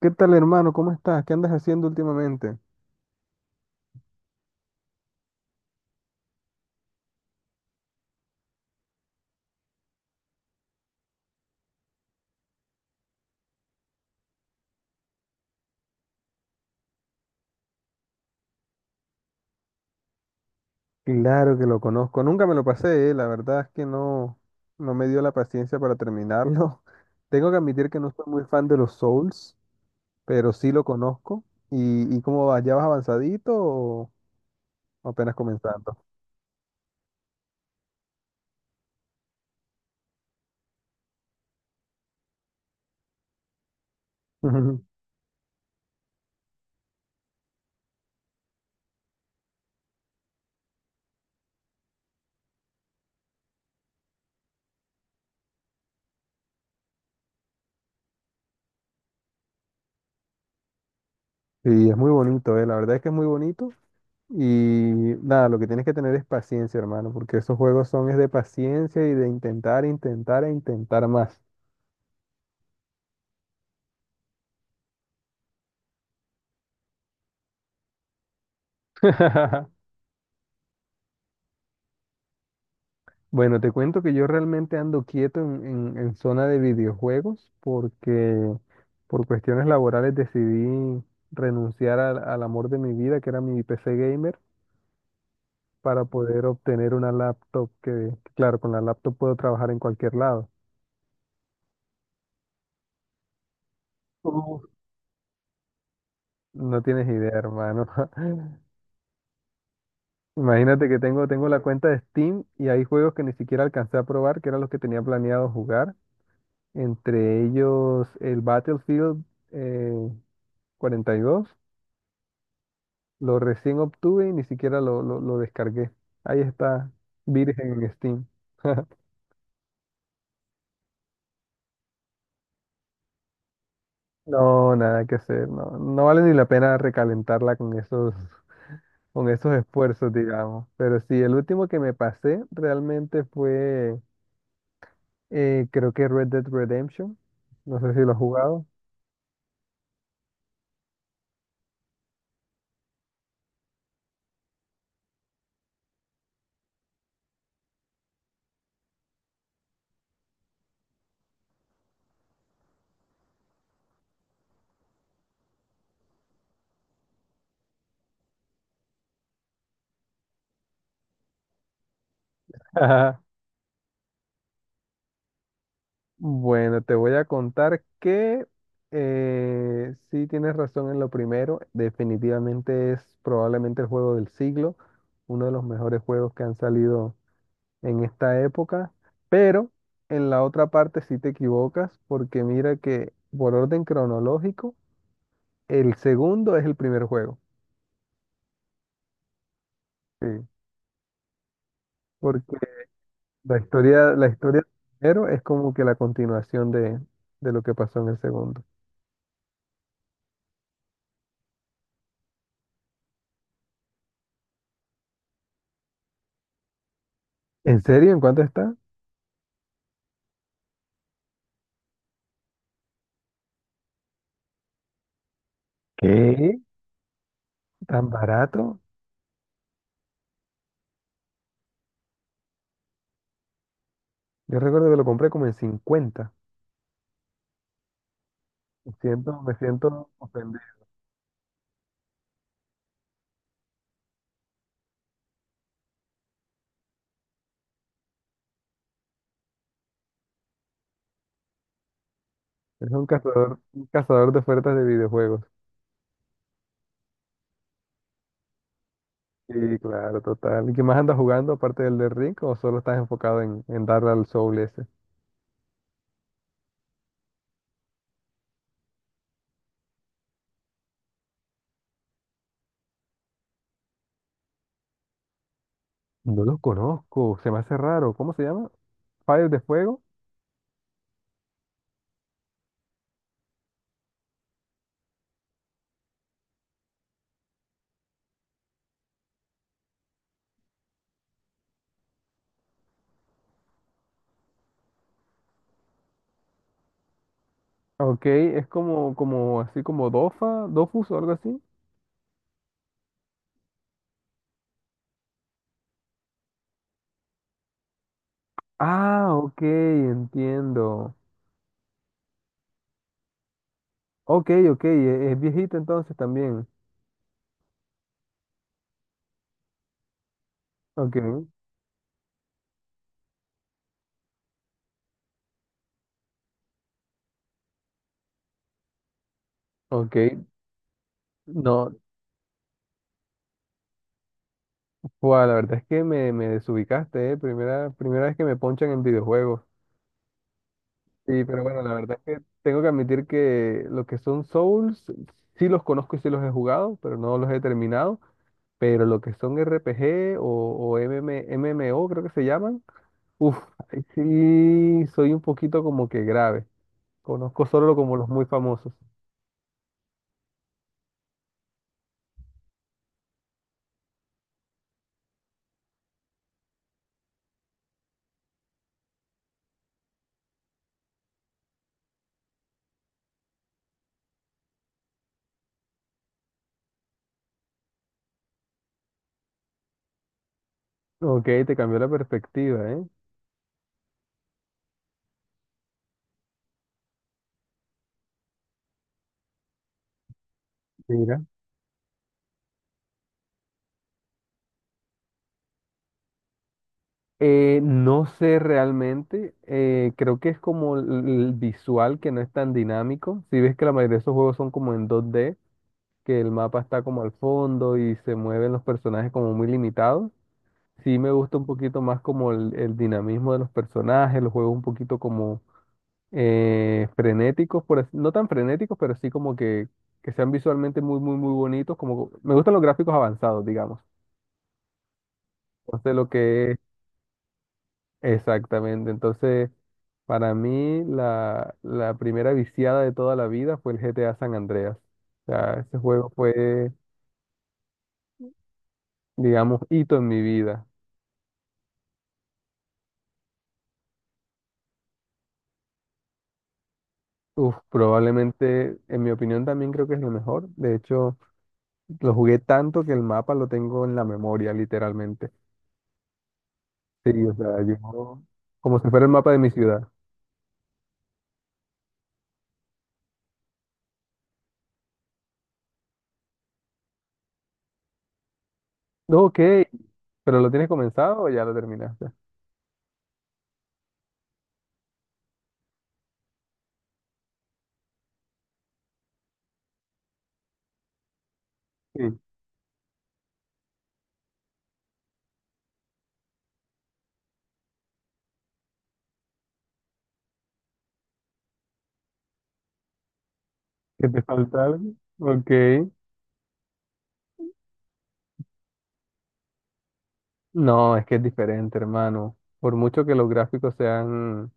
¿Qué tal, hermano? ¿Cómo estás? ¿Qué andas haciendo últimamente? Claro que lo conozco. Nunca me lo pasé. La verdad es que no, no me dio la paciencia para terminarlo. Tengo que admitir que no soy muy fan de los Souls, pero sí lo conozco. ¿Y cómo vas? ¿Ya vas avanzadito o apenas comenzando? Sí, es muy bonito. La verdad es que es muy bonito. Y nada, lo que tienes que tener es paciencia, hermano, porque esos juegos son es de paciencia y de intentar, intentar e intentar más. Bueno, te cuento que yo realmente ando quieto en zona de videojuegos porque por cuestiones laborales decidí renunciar al amor de mi vida, que era mi PC gamer, para poder obtener una laptop que, claro, con la laptop puedo trabajar en cualquier lado. Uf. No tienes idea, hermano. Imagínate que tengo, tengo la cuenta de Steam y hay juegos que ni siquiera alcancé a probar, que eran los que tenía planeado jugar. Entre ellos el Battlefield eh, 42. Lo recién obtuve y ni siquiera lo descargué. Ahí está, virgen en Steam. No, nada que hacer, no, no vale ni la pena recalentarla con esos esfuerzos, digamos. Pero sí, el último que me pasé realmente fue, creo que Red Dead Redemption. No sé si lo has jugado. Bueno, te voy a contar que sí tienes razón en lo primero. Definitivamente es probablemente el juego del siglo, uno de los mejores juegos que han salido en esta época. Pero en la otra parte sí te equivocas porque mira que por orden cronológico, el segundo es el primer juego. Sí, porque la historia del primero es como que la continuación de lo que pasó en el segundo. ¿En serio? ¿En cuánto está? ¿Qué? ¿Tan barato? Yo recuerdo que lo compré como en 50. Me siento ofendido. Es un cazador de ofertas de videojuegos. Sí, claro, total. ¿Y qué más andas jugando aparte del de Ring o solo estás enfocado en darle al Soul ese? No lo conozco, se me hace raro. ¿Cómo se llama? ¿Fire de Fuego? Ok, es así como Dofus o algo así. Ah, ok, entiendo. Ok, ok, viejito entonces también. Ok, ok. No, buah, la verdad es que me desubicaste, ¿eh? Primera, primera vez que me ponchan en videojuegos. Sí, pero bueno, la verdad es que tengo que admitir que lo que son Souls, sí los conozco y sí los he jugado, pero no los he terminado. Pero lo que son RPG o m m m M o creo que se llaman, uff, sí soy un poquito como que grave. Conozco solo como los muy famosos. Ok, te cambió la perspectiva, ¿eh? Mira. No sé realmente, creo que es como el visual que no es tan dinámico. Si ves que la mayoría de esos juegos son como en 2D, que el mapa está como al fondo y se mueven los personajes como muy limitados. Sí me gusta un poquito más como el dinamismo de los personajes, los juegos un poquito como frenéticos, no tan frenéticos, pero sí como que sean visualmente muy, muy, muy bonitos. Como, me gustan los gráficos avanzados, digamos. Entonces lo que... Exactamente. Entonces, para mí, la primera viciada de toda la vida fue el GTA San Andreas. O sea, ese juego fue, digamos, hito en mi vida. Uf, probablemente, en mi opinión, también creo que es lo mejor. De hecho, lo jugué tanto que el mapa lo tengo en la memoria, literalmente. Sí, o sea, yo, como si fuera el mapa de mi ciudad. No, ok, pero ¿lo tienes comenzado o ya lo terminaste? Sí. ¿Que te falta algo? Ok. No, es que es diferente, hermano. Por mucho que los gráficos sean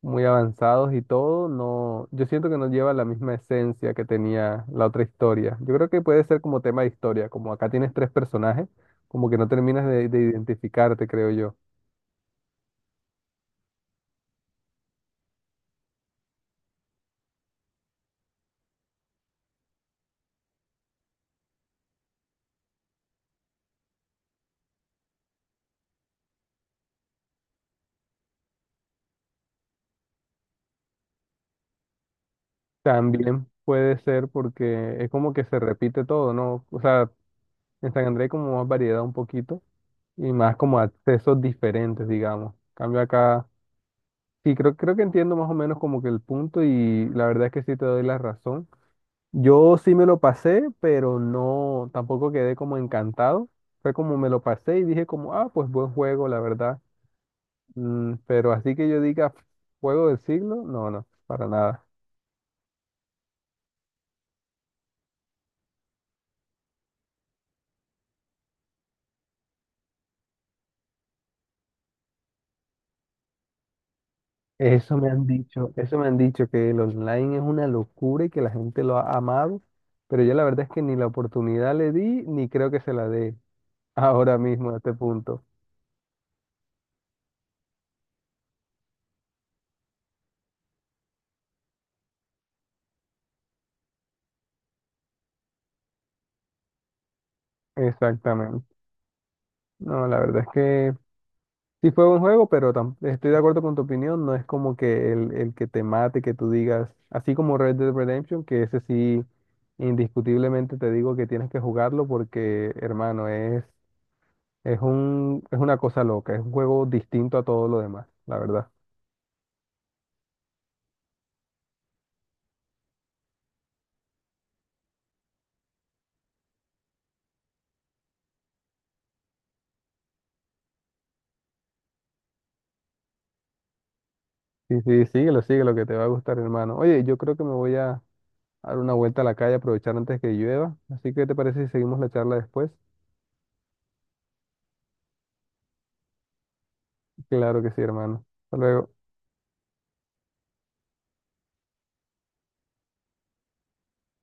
muy avanzados y todo, no, yo siento que no lleva la misma esencia que tenía la otra historia. Yo creo que puede ser como tema de historia, como acá tienes tres personajes, como que no terminas de identificarte, creo yo. También puede ser porque es como que se repite todo, ¿no? O sea, en San Andrés hay como más variedad un poquito y más como accesos diferentes, digamos. Cambio acá. Sí, creo, creo que entiendo más o menos como que el punto y la verdad es que sí te doy la razón. Yo sí me lo pasé, pero no, tampoco quedé como encantado. Fue como me lo pasé y dije como, ah, pues buen juego, la verdad. Mm, pero así que yo diga, juego del siglo, no, no, para nada. Eso me han dicho, eso me han dicho que el online es una locura y que la gente lo ha amado, pero yo la verdad es que ni la oportunidad le di, ni creo que se la dé ahora mismo a este punto. Exactamente. No, la verdad es que sí fue buen juego, pero estoy de acuerdo con tu opinión, no es como que el que te mate, que tú digas, así como Red Dead Redemption, que ese sí, indiscutiblemente te digo que tienes que jugarlo porque, hermano, es, es una cosa loca, es un juego distinto a todo lo demás, la verdad. Sí, sí, síguelo, síguelo, que te va a gustar, hermano. Oye, yo creo que me voy a dar una vuelta a la calle, aprovechar antes que llueva, así que ¿te parece si seguimos la charla después? Claro que sí, hermano. Hasta luego.